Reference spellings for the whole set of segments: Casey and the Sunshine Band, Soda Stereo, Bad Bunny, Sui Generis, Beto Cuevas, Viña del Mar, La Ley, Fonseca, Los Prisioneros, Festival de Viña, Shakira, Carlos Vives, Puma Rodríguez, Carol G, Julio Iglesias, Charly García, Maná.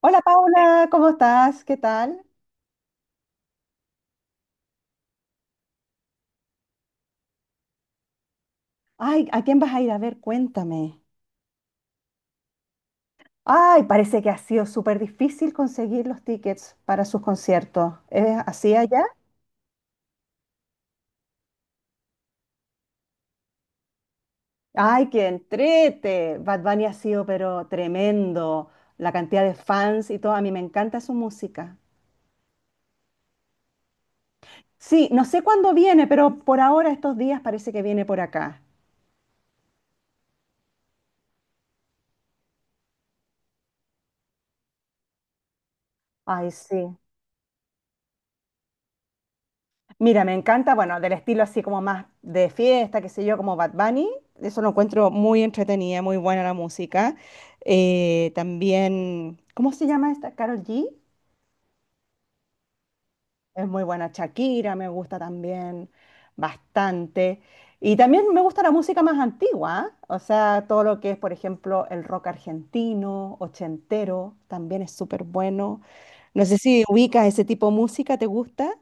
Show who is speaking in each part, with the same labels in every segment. Speaker 1: Hola Paula, ¿cómo estás? ¿Qué tal? Ay, ¿a quién vas a ir a ver? Cuéntame. Ay, parece que ha sido súper difícil conseguir los tickets para sus conciertos. ¿Es así allá? Ay, qué entrete. Bad Bunny ha sido pero tremendo. La cantidad de fans y todo. A mí me encanta su música. Sí, no sé cuándo viene, pero por ahora estos días parece que viene por acá. Ay, sí. Mira, me encanta, bueno, del estilo así como más de fiesta, qué sé yo, como Bad Bunny. Eso lo encuentro muy entretenida, muy buena la música. También, ¿cómo se llama esta? Carol G. Es muy buena. Shakira me gusta también bastante. Y también me gusta la música más antigua, ¿ah? O sea, todo lo que es, por ejemplo, el rock argentino, ochentero, también es súper bueno. No sé si ubicas ese tipo de música, ¿te gusta?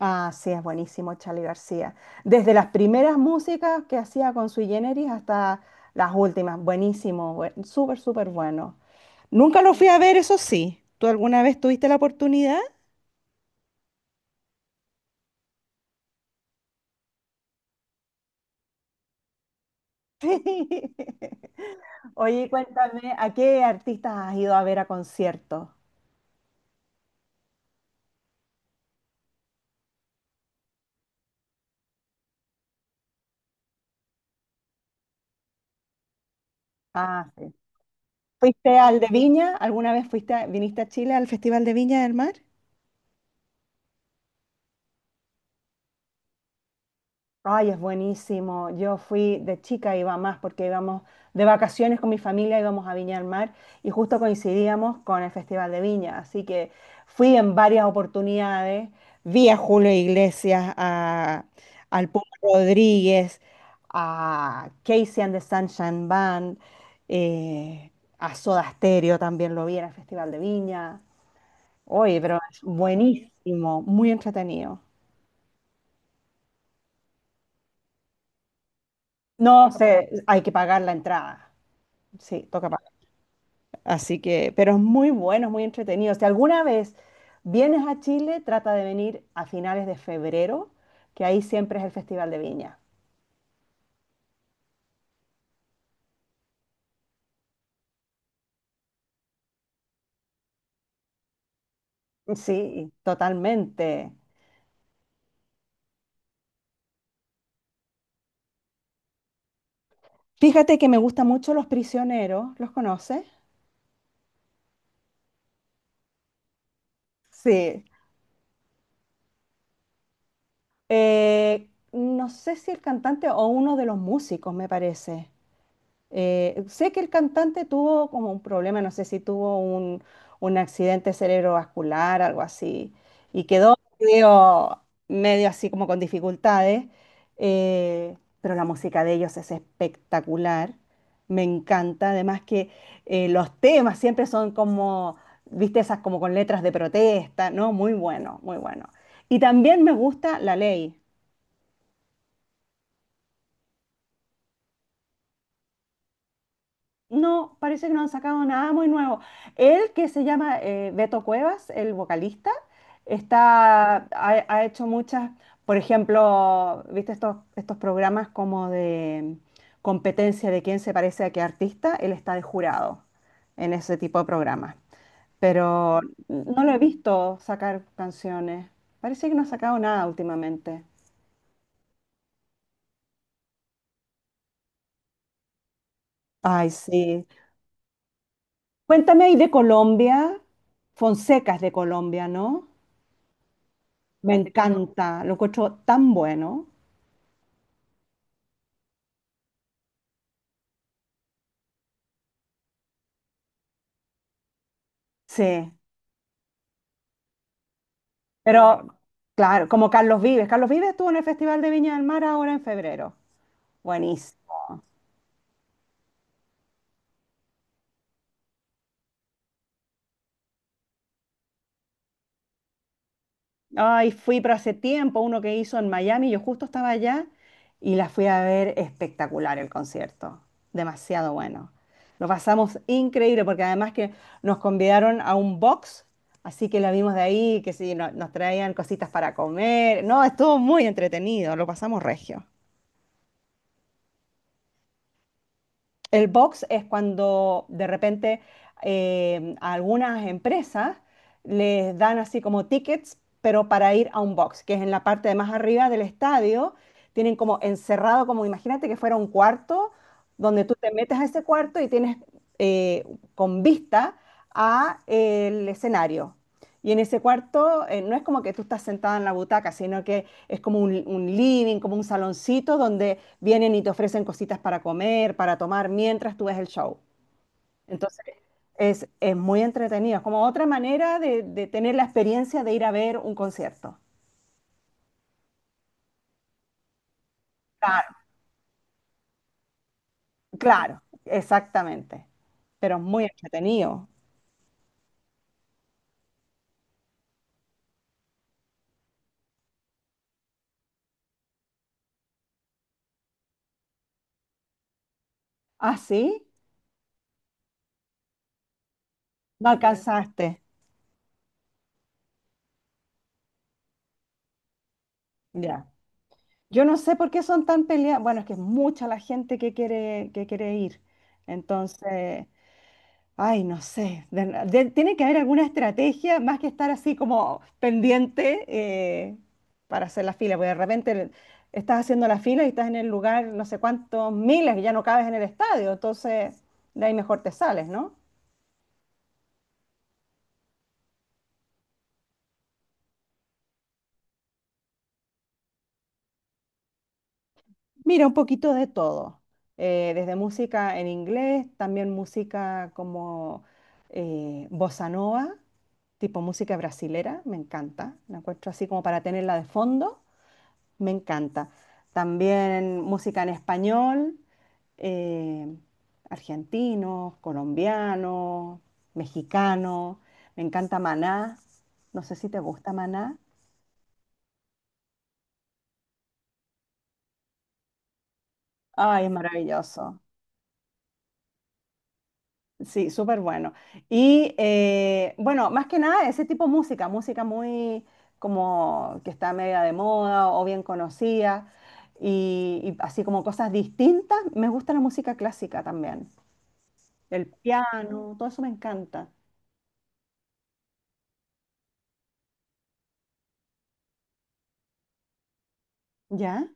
Speaker 1: Ah, sí, es buenísimo Charly García. Desde las primeras músicas que hacía con Sui Generis hasta las últimas. Buenísimo, súper, súper bueno. Nunca lo fui a ver, eso sí. ¿Tú alguna vez tuviste la oportunidad? Sí. Oye, cuéntame, ¿a qué artistas has ido a ver a conciertos? Ah, sí. ¿Fuiste al de Viña? ¿Alguna vez viniste a Chile al Festival de Viña del Mar? Ay, es buenísimo. Yo fui de chica, iba más porque íbamos de vacaciones con mi familia, íbamos a Viña del Mar y justo coincidíamos con el Festival de Viña. Así que fui en varias oportunidades. Vi a Julio Iglesias, a, al Puma Rodríguez, a Casey and the Sunshine Band, eh, a Soda Stereo también lo vi en el Festival de Viña. Oye, pero es buenísimo, muy entretenido. No sé, hay que pagar la entrada. Sí, toca pagar. Así que, pero es muy bueno, es muy entretenido. Si alguna vez vienes a Chile, trata de venir a finales de febrero, que ahí siempre es el Festival de Viña. Sí, totalmente. Fíjate que me gustan mucho Los Prisioneros, ¿los conoces? Sí. No sé si el cantante o uno de los músicos, me parece. Sé que el cantante tuvo como un problema, no sé si tuvo un accidente cerebrovascular, algo así, y quedó medio, medio así como con dificultades, pero la música de ellos es espectacular, me encanta, además que los temas siempre son como, viste, esas como con letras de protesta, ¿no? Muy bueno, muy bueno. Y también me gusta La Ley. No, parece que no han sacado nada muy nuevo. Él, que se llama Beto Cuevas, el vocalista, está, ha, ha hecho muchas, por ejemplo, ¿viste estos programas como de competencia de quién se parece a qué artista? Él está de jurado en ese tipo de programas. Pero no lo he visto sacar canciones. Parece que no ha sacado nada últimamente. Ay, sí. Cuéntame ahí de Colombia. Fonseca es de Colombia, ¿no? Me. Así que no encanta, lo encuentro tan bueno. Sí, bueno, pero claro, como Carlos Vives. Carlos Vives estuvo en el Festival de Viña del Mar ahora en febrero. Buenísimo. Ay, fui, pero hace tiempo uno que hizo en Miami, yo justo estaba allá y la fui a ver espectacular el concierto. Demasiado bueno. Lo pasamos increíble porque además que nos convidaron a un box, así que la vimos de ahí, que sí, nos traían cositas para comer. No, estuvo muy entretenido, lo pasamos regio. El box es cuando de repente a algunas empresas les dan así como tickets, pero para ir a un box, que es en la parte de más arriba del estadio, tienen como encerrado, como imagínate que fuera un cuarto, donde tú te metes a ese cuarto y tienes, eh, con vista a el escenario. Y en ese cuarto, no es como que tú estás sentada en la butaca, sino que es como un living, como un saloncito donde vienen y te ofrecen cositas para comer, para tomar mientras tú ves el show. Entonces es muy entretenido, es como otra manera de tener la experiencia de ir a ver un concierto. Claro, claro, exactamente. Pero es muy entretenido. ¿Ah, sí? No alcanzaste. Ya. Yo no sé por qué son tan peleadas. Bueno, es que es mucha la gente que quiere ir. Entonces, ay, no sé. Tiene que haber alguna estrategia más que estar así como pendiente, para hacer la fila, porque de repente estás haciendo la fila y estás en el lugar no sé cuántos miles y ya no cabes en el estadio, entonces de ahí mejor te sales, ¿no? Mira, un poquito de todo, desde música en inglés, también música como, bossa nova, tipo música brasilera, me encanta, la encuentro así como para tenerla de fondo. Me encanta. También música en español, eh, argentinos, colombianos, mexicanos. Me encanta Maná. No sé si te gusta Maná. Ay, es maravilloso. Sí, súper bueno. Y bueno, más que nada ese tipo de música, música muy como que está media de moda o bien conocida y así como cosas distintas. Me gusta la música clásica también. El piano, todo eso me encanta. ¿Ya?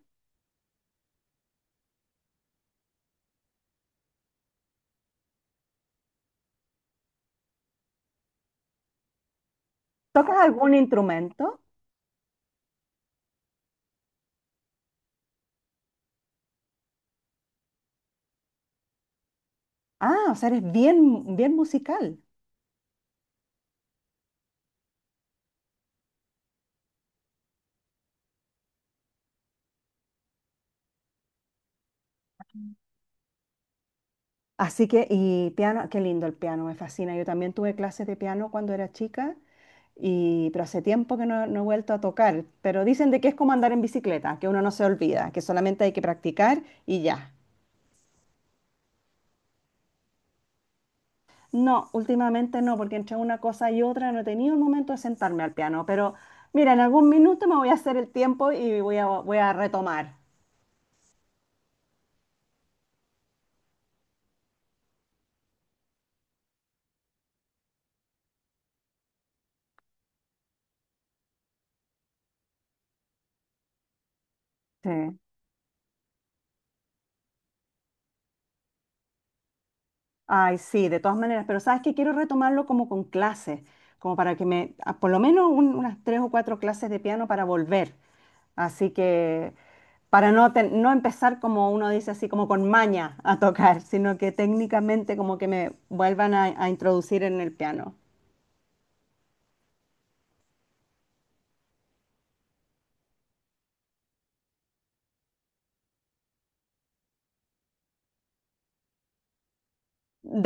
Speaker 1: ¿Tocas algún instrumento? Ah, o sea, eres bien, bien musical. Así que, y piano, qué lindo el piano, me fascina. Yo también tuve clases de piano cuando era chica, y, pero hace tiempo que no he vuelto a tocar. Pero dicen de que es como andar en bicicleta, que uno no se olvida, que solamente hay que practicar y ya. No, últimamente no, porque entre una cosa y otra no he tenido un momento de sentarme al piano. Pero mira, en algún minuto me voy a hacer el tiempo y voy a retomar. Sí. Ay, sí, de todas maneras, pero sabes que quiero retomarlo como con clases, como para que me, por lo menos unas tres o cuatro clases de piano para volver. Así que, para no, no empezar como uno dice así, como con maña a tocar, sino que técnicamente como que me vuelvan a introducir en el piano.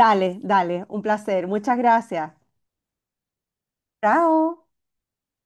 Speaker 1: Dale, dale, un placer. Muchas gracias. Chao.